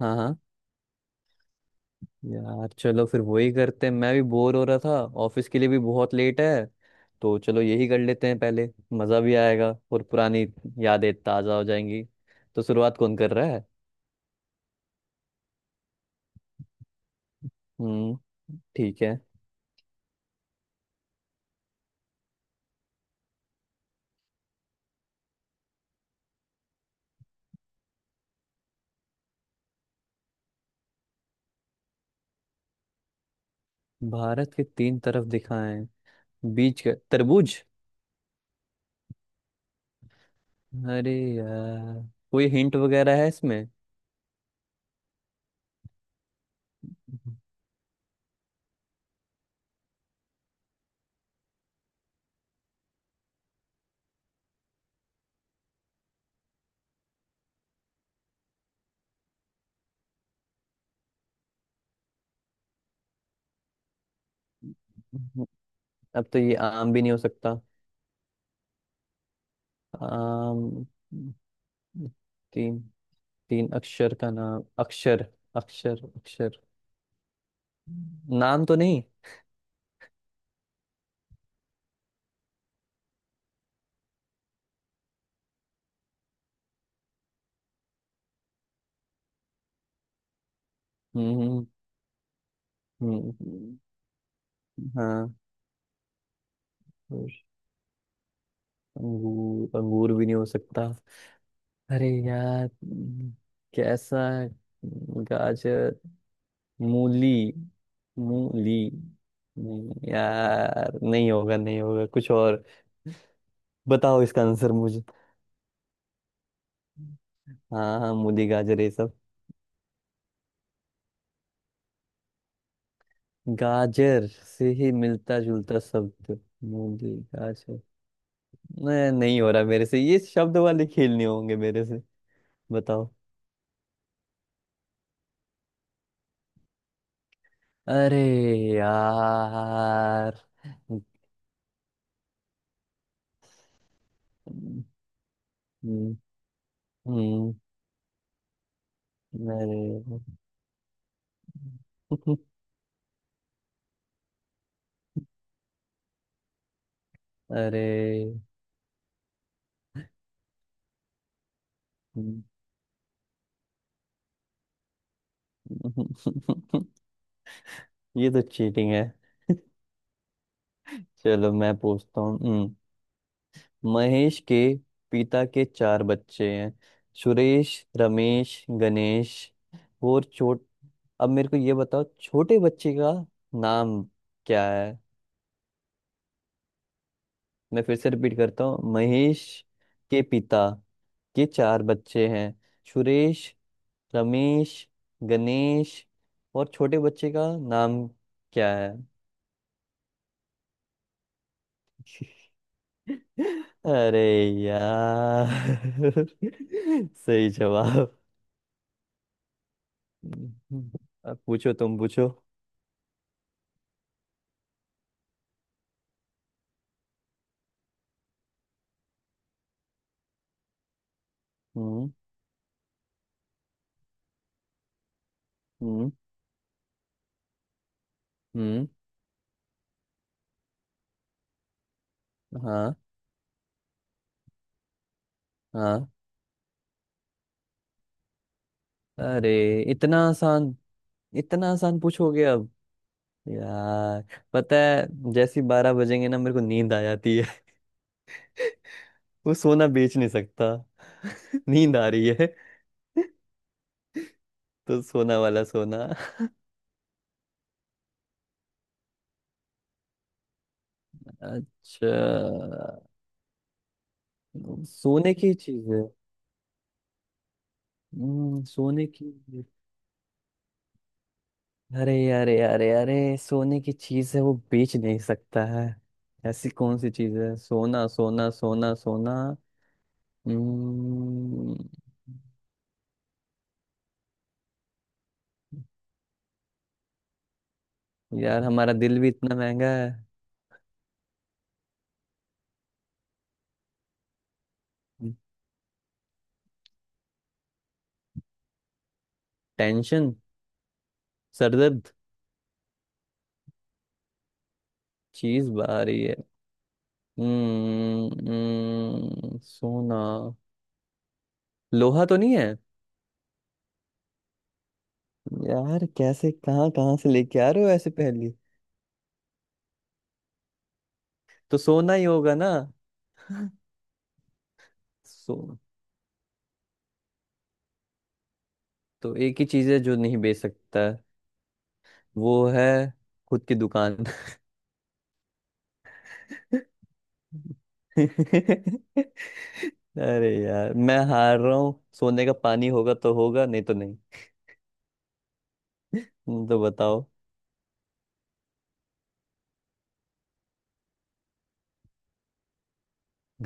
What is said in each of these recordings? हाँ हाँ। यार चलो फिर वही करते हैं, मैं भी बोर हो रहा था। ऑफिस के लिए भी बहुत लेट है। तो चलो यही कर लेते हैं पहले। मज़ा भी आएगा और पुरानी यादें ताज़ा हो जाएंगी। तो शुरुआत कौन कर रहा है? हम्म, ठीक है। भारत के तीन तरफ दिखाएं? बीच का तरबूज। अरे यार, कोई हिंट वगैरह है इसमें? अब तो ये आम भी नहीं हो सकता। आम। तीन। तीन अक्षर का नाम। अक्षर अक्षर अक्षर। नाम तो नहीं। हम्म हम्म, हम्म, हम्म। हाँ। अंगूर। अंगूर भी नहीं हो सकता। अरे यार। हम्म। कैसा है? गाजर। मूली। मूली। नहीं यार, नहीं होगा, नहीं होगा, कुछ और। बताओ इसका आंसर मुझे। हाँ हाँ, मूली गाजर ये सब। गाजर से ही मिलता जुलता शब्द। मूली गाजर। नहीं, नहीं हो रहा मेरे से, ये शब्द वाले खेलने होंगे मेरे से। बताओ। अरे यार। हम्म हम्म। अरे अरे। हम्म। ये तो चीटिंग है। चलो मैं पूछता हूँ। हम्म। महेश के पिता के चार बच्चे हैं। सुरेश, रमेश, गणेश और छोट अब मेरे को ये बताओ, छोटे बच्चे का नाम क्या है? मैं फिर से रिपीट करता हूँ। महेश के पिता के चार बच्चे हैं। सुरेश, रमेश, गणेश और छोटे बच्चे का नाम क्या है? अरे यार। सही जवाब। हम्म। अब पूछो, तुम पूछो। हम्म हम्म हम्म। हाँ। हाँ। अरे, इतना आसान। इतना आसान पूछोगे अब? यार, पता है जैसे ही 12 बजेंगे ना, मेरे को नींद आ जाती। वो सोना बेच नहीं सकता। नींद आ रही है। तो सोना वाला सोना। अच्छा, सोने की चीज है। सोने की। अरे अरे अरे अरे, सोने की चीज है, वो बेच नहीं सकता है। ऐसी कौन सी चीज है? सोना सोना सोना सोना। हम्म। यार, हमारा दिल भी इतना महंगा है। टेंशन। सरदर्द। चीज बाहरी है। सोना। लोहा तो नहीं है। यार, कैसे कहाँ कहाँ से लेके आ रहे हो ऐसे पहेली। तो सोना ही होगा ना। सो तो एक ही चीज है जो नहीं बेच सकता है, वो है खुद की दुकान। अरे यार, मैं हार रहा हूँ। सोने का पानी होगा तो होगा, नहीं तो नहीं। तो बताओ।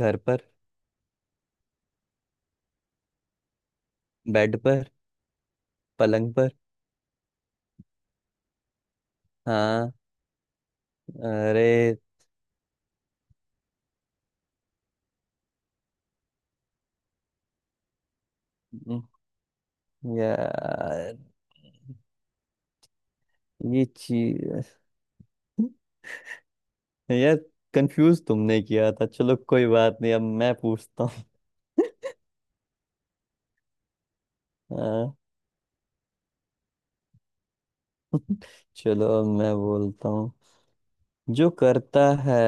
घर पर। बेड पर। पलंग पर। हाँ। अरे हम्म, यार ये चीज यार, कंफ्यूज तुमने किया था, चलो कोई बात नहीं। अब मैं पूछता। हाँ। चलो अब मैं बोलता हूँ। जो करता है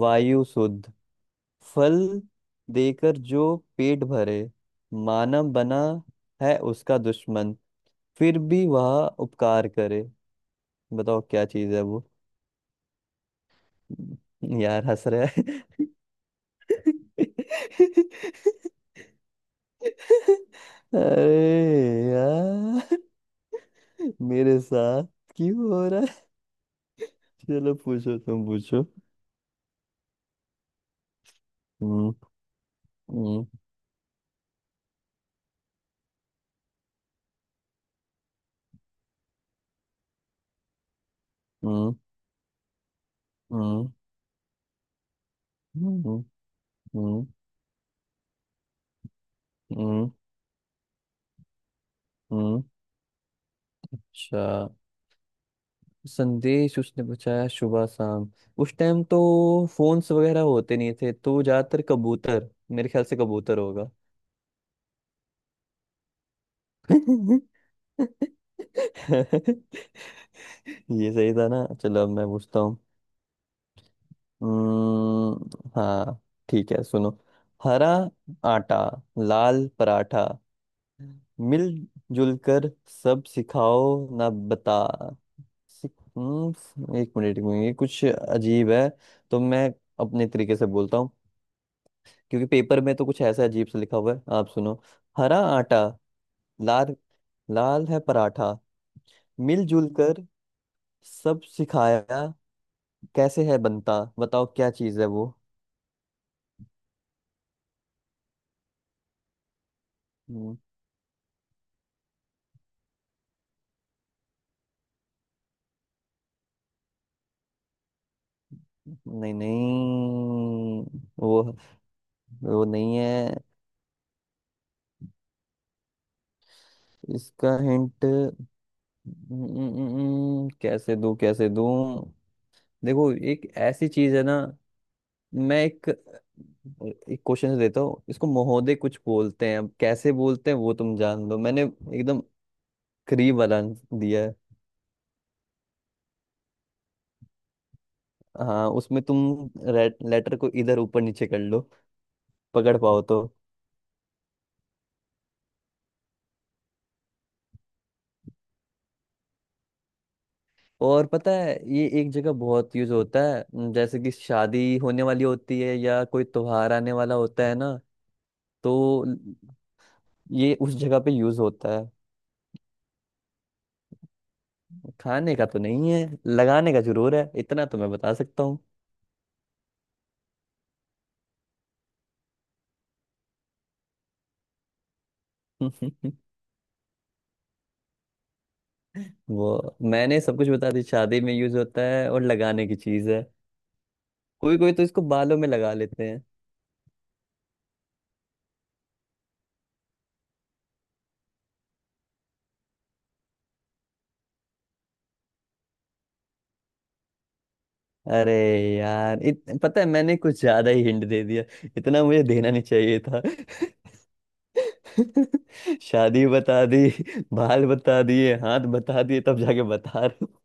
वायु शुद्ध, फल देकर जो पेट भरे, मानव बना है उसका दुश्मन, फिर भी वह उपकार करे। बताओ क्या चीज है वो? यार, हंस रहा है। अरे यार, मेरे साथ क्यों हो रहा है? चलो पूछो, तुम पूछो। हम्म हम्म हम्म हम्म हम्म। हम्म हम्म हम्म। अच्छा। संदेश उसने पूछा सुबह शाम। उस टाइम तो फोन्स वगैरह होते नहीं थे, तो ज्यादातर कबूतर, मेरे ख्याल से कबूतर होगा। ये सही था ना? चलो अब मैं पूछता हूँ। हाँ, ठीक है, सुनो। हरा आटा, लाल पराठा, मिलजुल कर सब सिखाओ ना, बता। एक मिनट एक मिनट, ये कुछ अजीब है। तो मैं अपने तरीके से बोलता हूँ, क्योंकि पेपर में तो कुछ ऐसा अजीब सा लिखा हुआ है। आप सुनो। हरा आटा, लाल लाल है पराठा, मिलजुल कर सब सिखाया, कैसे है बनता? बताओ क्या चीज़ है वो? हम्म। नहीं नहीं, वो वो नहीं है। इसका हिंट। कैसे दूं, कैसे दूं। देखो, एक ऐसी चीज है ना, मैं एक एक क्वेश्चन देता हूँ इसको। महोदय कुछ बोलते हैं, अब कैसे बोलते हैं वो तुम जान लो। मैंने एकदम करीब वाला आंसर दिया है। हाँ, उसमें तुम लेटर को इधर ऊपर नीचे कर लो, पकड़ पाओ तो। और पता है, ये एक जगह बहुत यूज होता है न, जैसे कि शादी होने वाली होती है या कोई त्योहार आने वाला होता है ना। तो ल- ये उस जगह पे यूज होता है। खाने का तो नहीं है, लगाने का जरूर है, इतना तो मैं बता सकता। हूँ। वो मैंने सब कुछ बता दी, शादी में यूज होता है और लगाने की चीज है। कोई कोई तो इसको बालों में लगा लेते हैं। अरे यार, पता है मैंने कुछ ज्यादा ही हिंट दे दिया। इतना मुझे देना नहीं चाहिए था। शादी बता दी, बाल बता दिए, हाथ बता दिए, तब जाके बता रहे हो।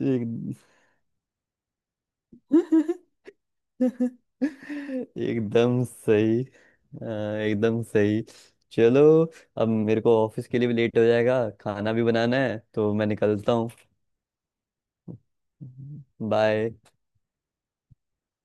एक। एकदम सही। हाँ, एकदम सही। चलो, अब मेरे को ऑफिस के लिए भी लेट हो जाएगा, खाना भी बनाना है, तो मैं निकलता हूँ। बाय।